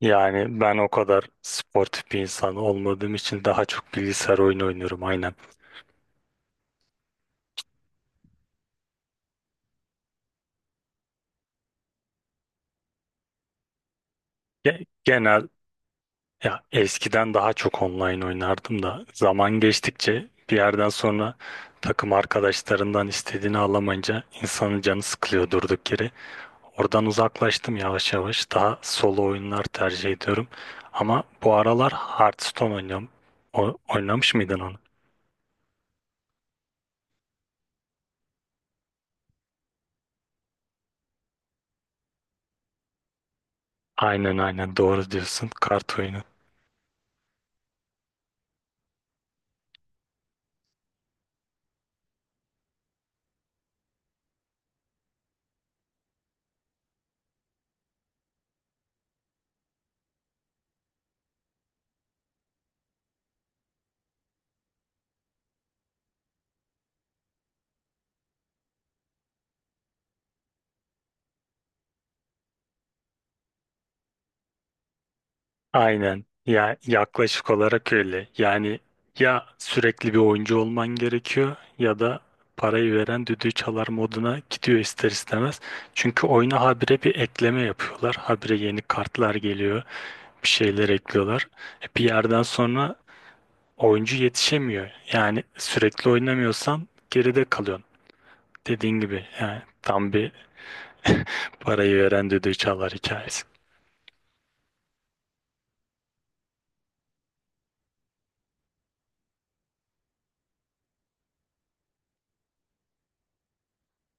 Yani ben o kadar sportif bir insan olmadığım için daha çok bilgisayar oyunu oynuyorum aynen. Genel ya, eskiden daha çok online oynardım da zaman geçtikçe bir yerden sonra takım arkadaşlarından istediğini alamayınca insanın canı sıkılıyor durduk yere. Oradan uzaklaştım yavaş yavaş. Daha solo oyunlar tercih ediyorum. Ama bu aralar Hearthstone oynuyorum. Oynamış mıydın onu? Aynen aynen, doğru diyorsun. Kart oyunu. Aynen. Ya yaklaşık olarak öyle. Yani ya sürekli bir oyuncu olman gerekiyor ya da parayı veren düdüğü çalar moduna gidiyor ister istemez. Çünkü oyuna habire bir ekleme yapıyorlar. Habire yeni kartlar geliyor. Bir şeyler ekliyorlar. E bir yerden sonra oyuncu yetişemiyor. Yani sürekli oynamıyorsan geride kalıyorsun. Dediğin gibi yani tam bir parayı veren düdüğü çalar hikayesi.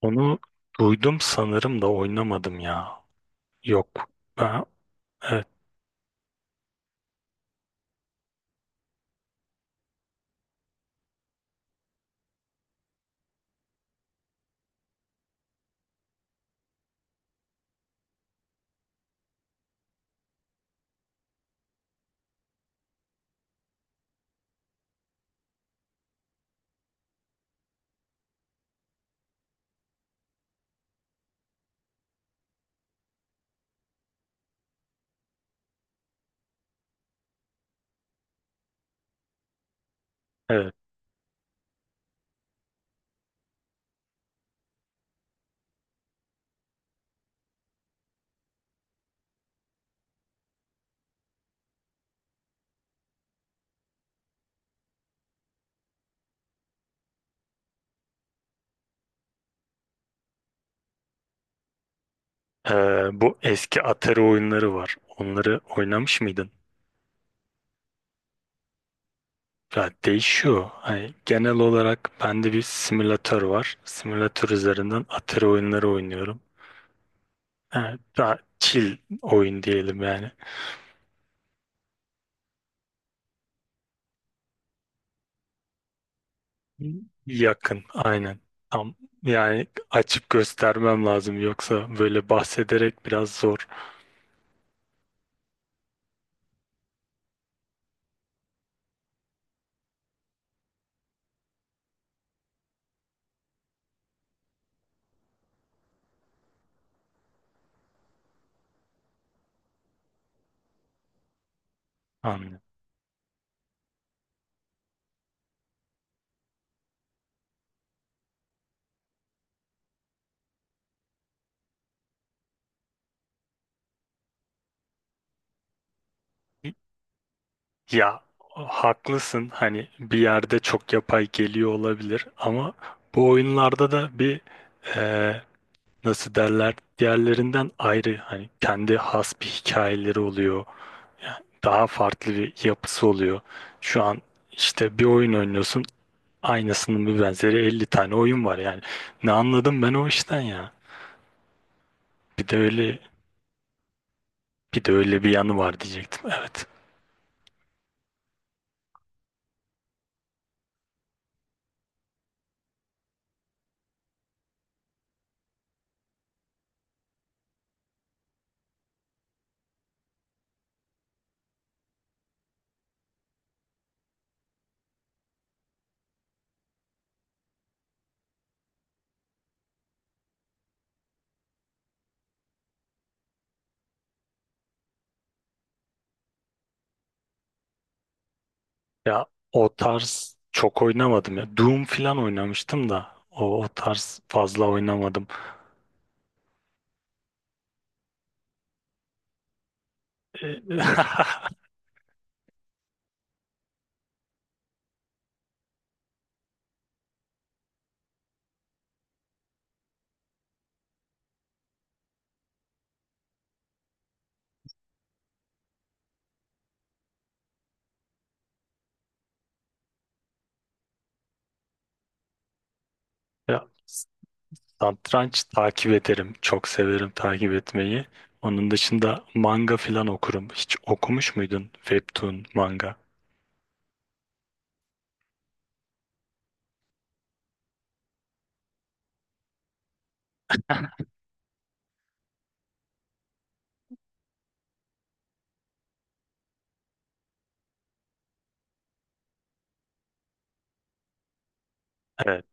Onu duydum sanırım da oynamadım ya. Yok. Ha, evet, evet. Bu eski Atari oyunları var. Onları oynamış mıydın? Ya değişiyor. Hani genel olarak bende bir simülatör var. Simülatör üzerinden Atari oyunları oynuyorum. Yani daha chill oyun diyelim yani. Yakın, aynen. Tam yani açıp göstermem lazım, yoksa böyle bahsederek biraz zor. Anladım. Ya haklısın, hani bir yerde çok yapay geliyor olabilir ama bu oyunlarda da bir eee, nasıl derler, diğerlerinden ayrı, hani kendi has bir hikayeleri oluyor. Yani daha farklı bir yapısı oluyor. Şu an işte bir oyun oynuyorsun, aynısının bir benzeri 50 tane oyun var yani. Ne anladım ben o işten ya. Bir de öyle Bir de öyle bir yanı var diyecektim. Evet. Ya o tarz çok oynamadım ya. Doom falan oynamıştım da o tarz fazla oynamadım. E, Ya satranç takip ederim. Çok severim takip etmeyi. Onun dışında manga falan okurum. Hiç okumuş muydun webtoon, manga? Evet.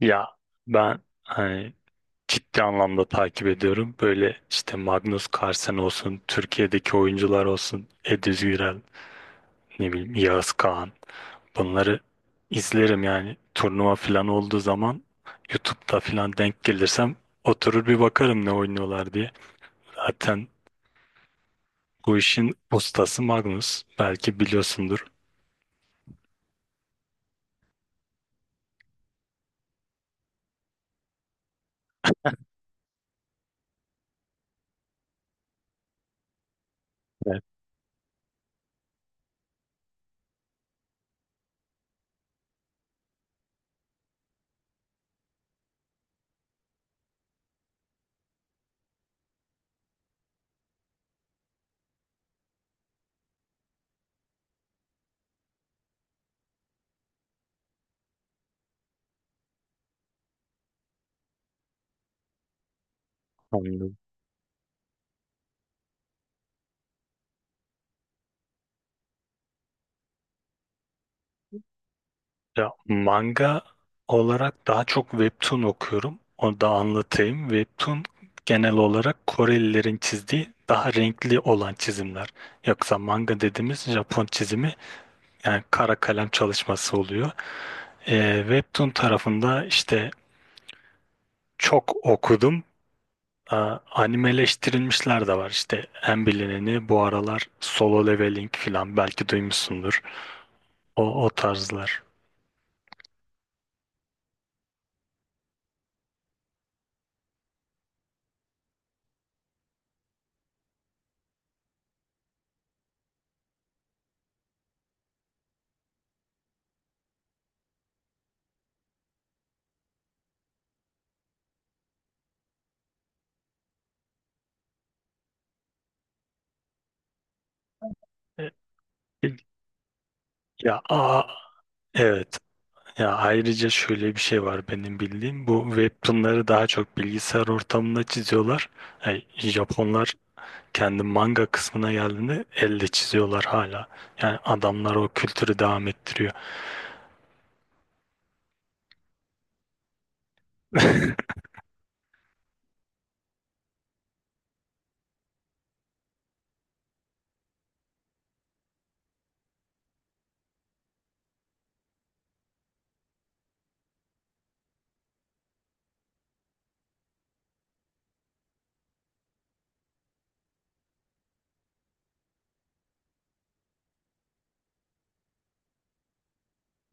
Ya ben hani ciddi anlamda takip ediyorum. Böyle işte Magnus Carlsen olsun, Türkiye'deki oyuncular olsun, Ediz Güral, ne bileyim Yağız Kağan. Bunları izlerim yani, turnuva falan olduğu zaman YouTube'da falan denk gelirsem oturur bir bakarım ne oynuyorlar diye. Zaten bu işin ustası Magnus. Belki biliyorsundur. Evet, anladım. Ya, manga olarak daha çok webtoon okuyorum. Onu da anlatayım. Webtoon genel olarak Korelilerin çizdiği daha renkli olan çizimler. Yoksa manga dediğimiz Japon çizimi, yani kara kalem çalışması oluyor. Webtoon tarafında işte çok okudum. Ee, Animeleştirilmişler de var, işte en bilineni bu aralar Solo Leveling falan, belki duymuşsundur. O, o tarzlar. E, e, Ya aa, evet. Ya ayrıca şöyle bir şey var benim bildiğim. Bu webtoonları daha çok bilgisayar ortamında çiziyorlar. Yani Japonlar kendi manga kısmına geldiğinde elle çiziyorlar hala. Yani adamlar o kültürü devam ettiriyor.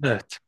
Evet.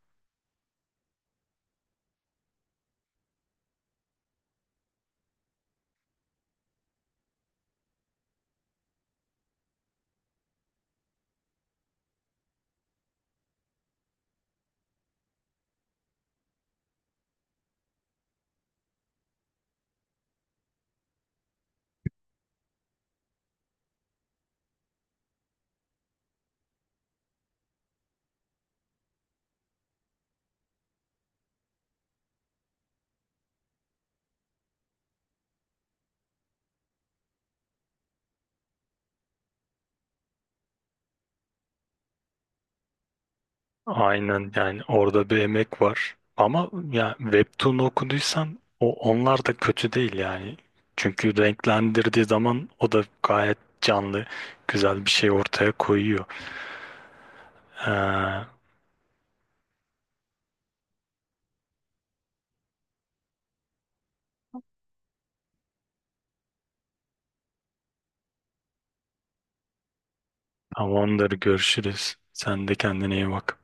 Aynen, yani orada bir emek var. Ama ya Webtoon okuduysan, o onlar da kötü değil yani. Çünkü renklendirdiği zaman o da gayet canlı, güzel bir şey ortaya koyuyor. Ee, tamamdır, görüşürüz. Sen de kendine iyi bak.